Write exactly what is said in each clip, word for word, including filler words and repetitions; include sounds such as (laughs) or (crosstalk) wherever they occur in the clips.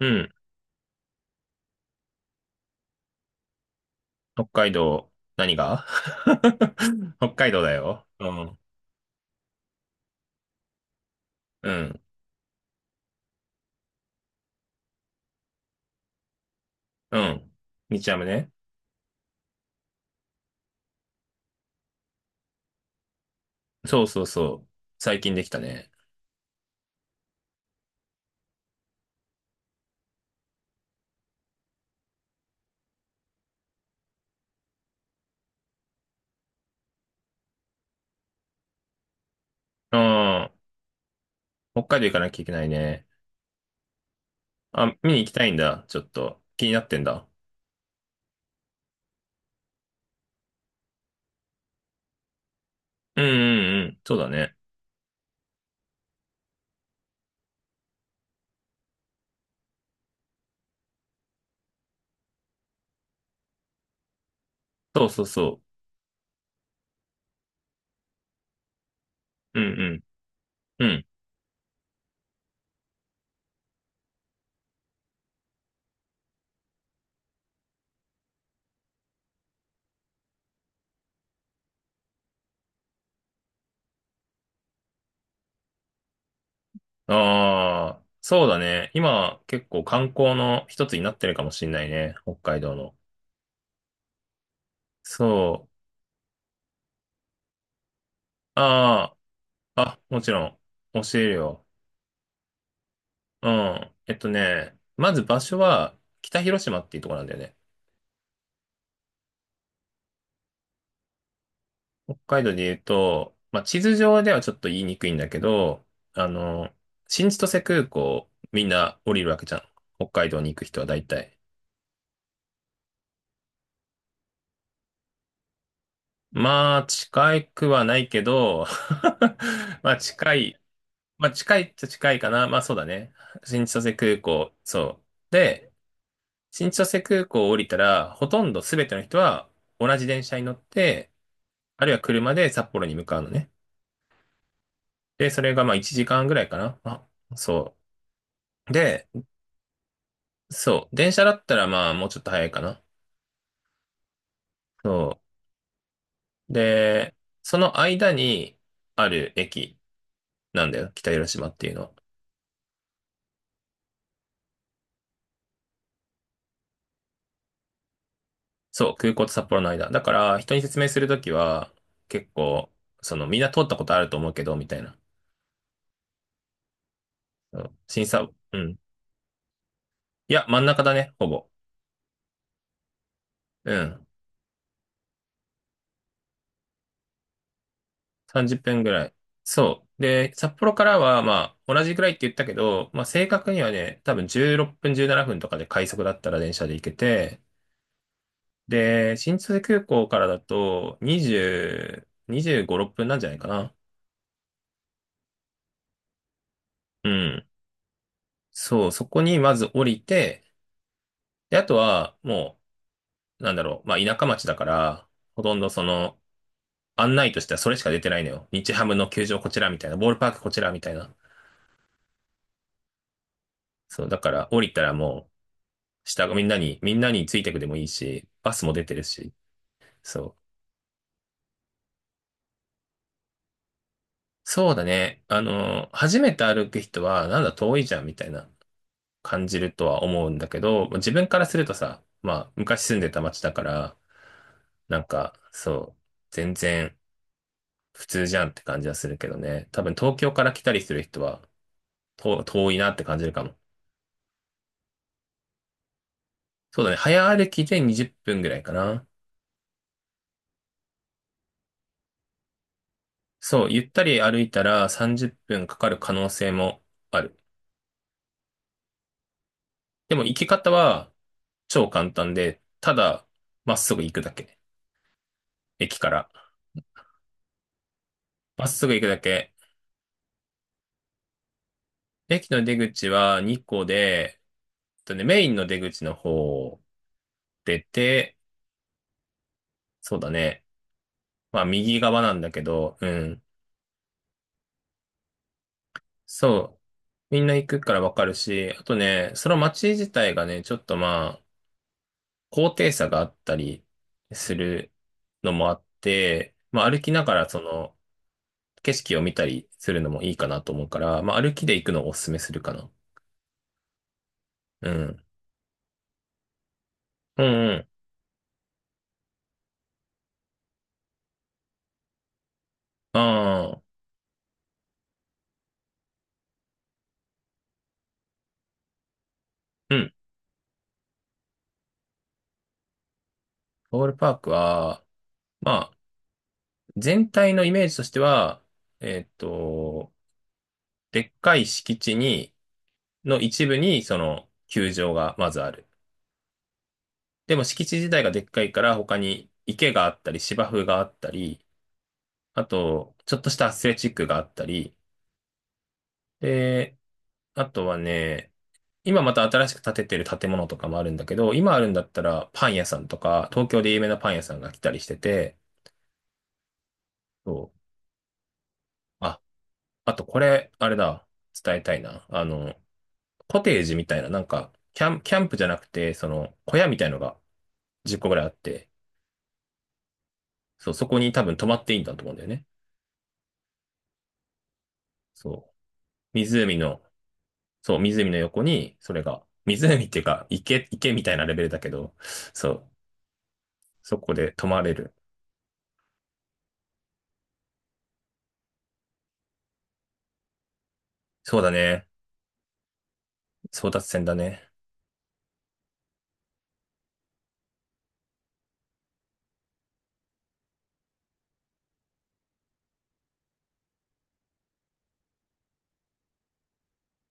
うん。北海道、何が (laughs) 北海道だよ。うん。うん。うん。日ハムね。そうそうそう。最近できたね。うん。北海道行かなきゃいけないね。あ、見に行きたいんだ。ちょっと。気になってんだ。うんうんうん。そうだね。そうそうそう。うんうん。うん。ああ、そうだね。今、結構観光の一つになってるかもしんないね。北海道の。そう。ああ、あ、もちろん。教えるよ。うん。えっとね、まず場所は北広島っていうところなんだよね。北海道で言うと、まあ、地図上ではちょっと言いにくいんだけど、あの、新千歳空港みんな降りるわけじゃん。北海道に行く人は大体。まあ、近くはないけど、(laughs) まあ、近い。まあ、近いっちゃ近いかな。まあ、そうだね。新千歳空港、そう。で、新千歳空港を降りたら、ほとんど全ての人は同じ電車に乗って、あるいは車で札幌に向かうのね。で、それがまあいちじかんぐらいかな。あ、そう。で、そう。電車だったらまあもうちょっと早いかな。そう。で、その間にある駅なんだよ。北広島っていうのは。そう。空港と札幌の間。だから人に説明するときは結構、そのみんな通ったことあると思うけど、みたいな。うん、審査、うん。いや、真ん中だね、ほぼ。うん。さんじゅっぷんぐらい。そう。で、札幌からは、まあ、同じぐらいって言ったけど、まあ、正確にはね、多分じゅうろっぷん、じゅうななふんとかで快速だったら電車で行けて、で、新千歳空港からだと、にじゅう、にじゅうご、ろっぷんなんじゃないかな。うん。そう、そこにまず降りて、で、あとは、もう、なんだろう、まあ、田舎町だから、ほとんどその、案内としてはそれしか出てないのよ。日ハムの球場こちらみたいな、ボールパークこちらみたいな。そう、だから降りたらもう、下がみんなに、みんなについてくでもいいし、バスも出てるし、そう。そうだね。あの、初めて歩く人は、なんだ遠いじゃんみたいな感じるとは思うんだけど、自分からするとさ、まあ、昔住んでた町だから、なんか、そう、全然普通じゃんって感じはするけどね。多分東京から来たりする人は、と遠いなって感じるかも。そうだね。早歩きでにじゅっぷんぐらいかな。そう、ゆったり歩いたらさんじゅっぷんかかる可能性もある。でも行き方は、超簡単で、ただ、まっすぐ行くだけ。駅から。まっすぐ行くだけ。駅の出口はにこで、えっとね、メインの出口の方を出て、そうだね。まあ、右側なんだけど、うん。そう。みんな行くからわかるし、あとね、その街自体がね、ちょっとまあ、高低差があったりするのもあって、まあ、歩きながらその、景色を見たりするのもいいかなと思うから、まあ、歩きで行くのをおすすめするかな。うん。うんうん。ああ、うん。ボールパークは、まあ、全体のイメージとしては、えーっと、でっかい敷地に、の一部に、その、球場がまずある。でも敷地自体がでっかいから、他に池があったり、芝生があったり、あと、ちょっとしたアスレチックがあったり、で、あとはね、今また新しく建ててる建物とかもあるんだけど、今あるんだったらパン屋さんとか、東京で有名なパン屋さんが来たりしてて、そう。あとこれ、あれだ、伝えたいな。あの、コテージみたいな、なんか、キャン、キャンプじゃなくて、その、小屋みたいのがじゅっこぐらいあって、そう、そこに多分泊まっていいんだと思うんだよね。そう。湖の、そう、湖の横に、それが、湖っていうか、池、池みたいなレベルだけど、そう、そこで泊まれる。そうだね。争奪戦だね。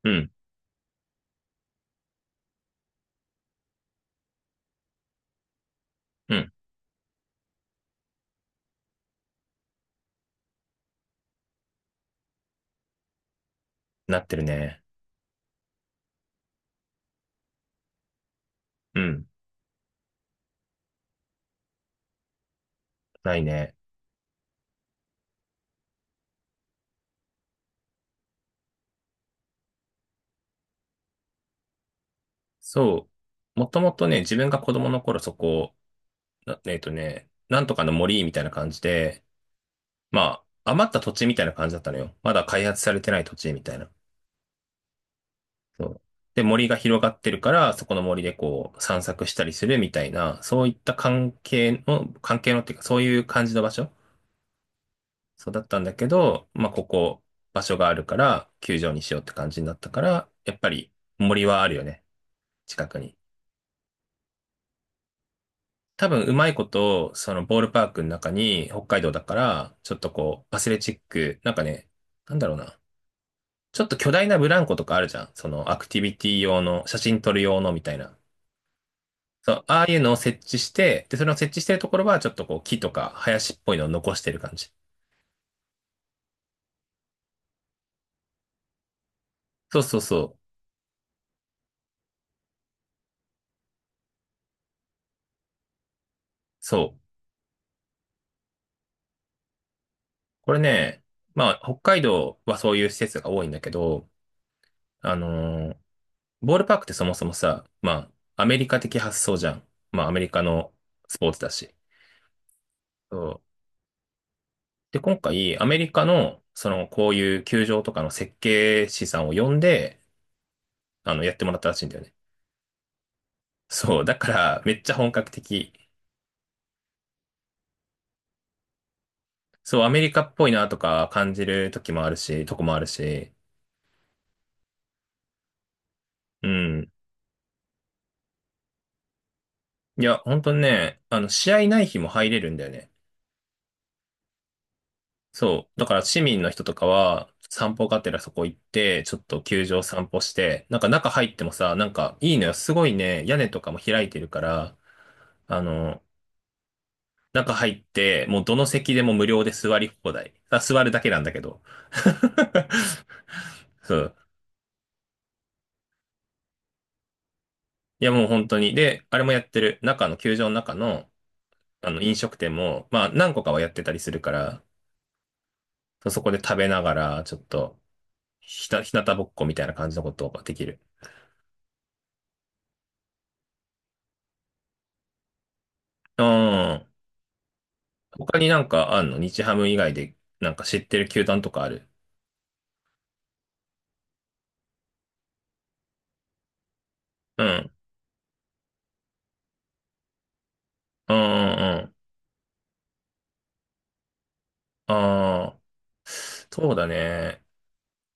うん、うん、なってるね。うん、ないね。そう。もともとね、自分が子供の頃そこなえっとね、なんとかの森みたいな感じで、まあ、余った土地みたいな感じだったのよ。まだ開発されてない土地みたいな。そう。で、森が広がってるから、そこの森でこう散策したりするみたいな、そういった関係の、関係のっていうか、そういう感じの場所そうだったんだけど、まあ、ここ、場所があるから、球場にしようって感じになったから、やっぱり森はあるよね。近くに。多分うまいこと、そのボールパークの中に北海道だから、ちょっとこう、アスレチック、なんかね、なんだろうな。ちょっと巨大なブランコとかあるじゃん。そのアクティビティ用の、写真撮る用のみたいな。そう、ああいうのを設置して、で、それを設置してるところは、ちょっとこう、木とか林っぽいのを残してる感じ。そうそうそう。そう。これね、まあ、北海道はそういう施設が多いんだけど、あのーボールパークってそもそもさ、まあ、アメリカ的発想じゃん。まあ、アメリカのスポーツだし。そうで、今回、アメリカの、その、こういう球場とかの設計士さんを呼んで、あの、やってもらったらしいんだよね。(laughs) そう、だから、めっちゃ本格的。そう、アメリカっぽいなとか感じる時もあるし、とこもあるし。うん。いや、本当にね、あの、試合ない日も入れるんだよね。そう、だから市民の人とかは、散歩がてらそこ行って、ちょっと球場散歩して、なんか中入ってもさ、なんかいいのよ。すごいね、屋根とかも開いてるから、あの、中入って、もうどの席でも無料で座り放題。あ、座るだけなんだけど。(laughs) そう。いや、もう本当に。で、あれもやってる。中の、球場の中の、あの、飲食店も、まあ、何個かはやってたりするから、そうそこで食べながら、ちょっと、ひた、ひなたぼっこみたいな感じのことができる。うん。他になんかあんの日ハム以外で、なんか知ってる球団とかあるうん。うんうんうん。ああ。そうだね。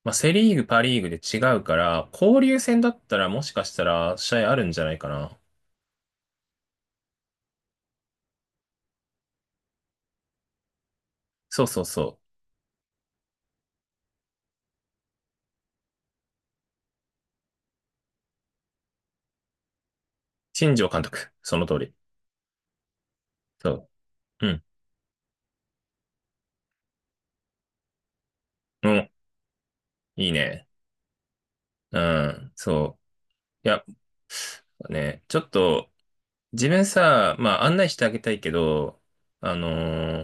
まあ、セリーグ、パリーグで違うから、交流戦だったらもしかしたら試合あるんじゃないかな。そうそうそう。新庄監督。その通り。そう。うん。うん。いいね。うん。そう。いや、ね、ちょっと、自分さ、まあ、案内してあげたいけど、あの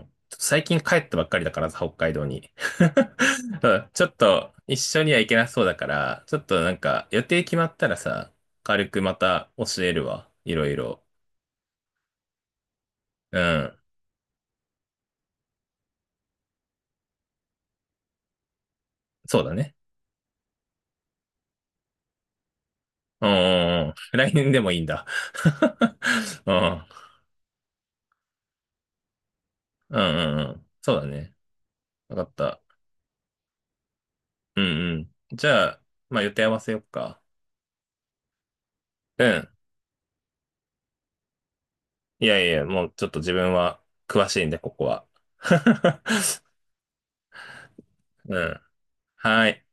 ー最近帰ったばっかりだからさ、北海道に。(laughs) うんちょっと、一緒には行けなそうだから、ちょっとなんか、予定決まったらさ、軽くまた教えるわ。いろいろ。うん。そうだね。うんうんうん。来年でもいいんだ。(laughs) うん。うんうんうん。そうだね。わかった。うんうん。じゃあ、まあ予定合わせよっか。うん。いやいや、もうちょっと自分は詳しいんで、ここは。(laughs) うん。はい。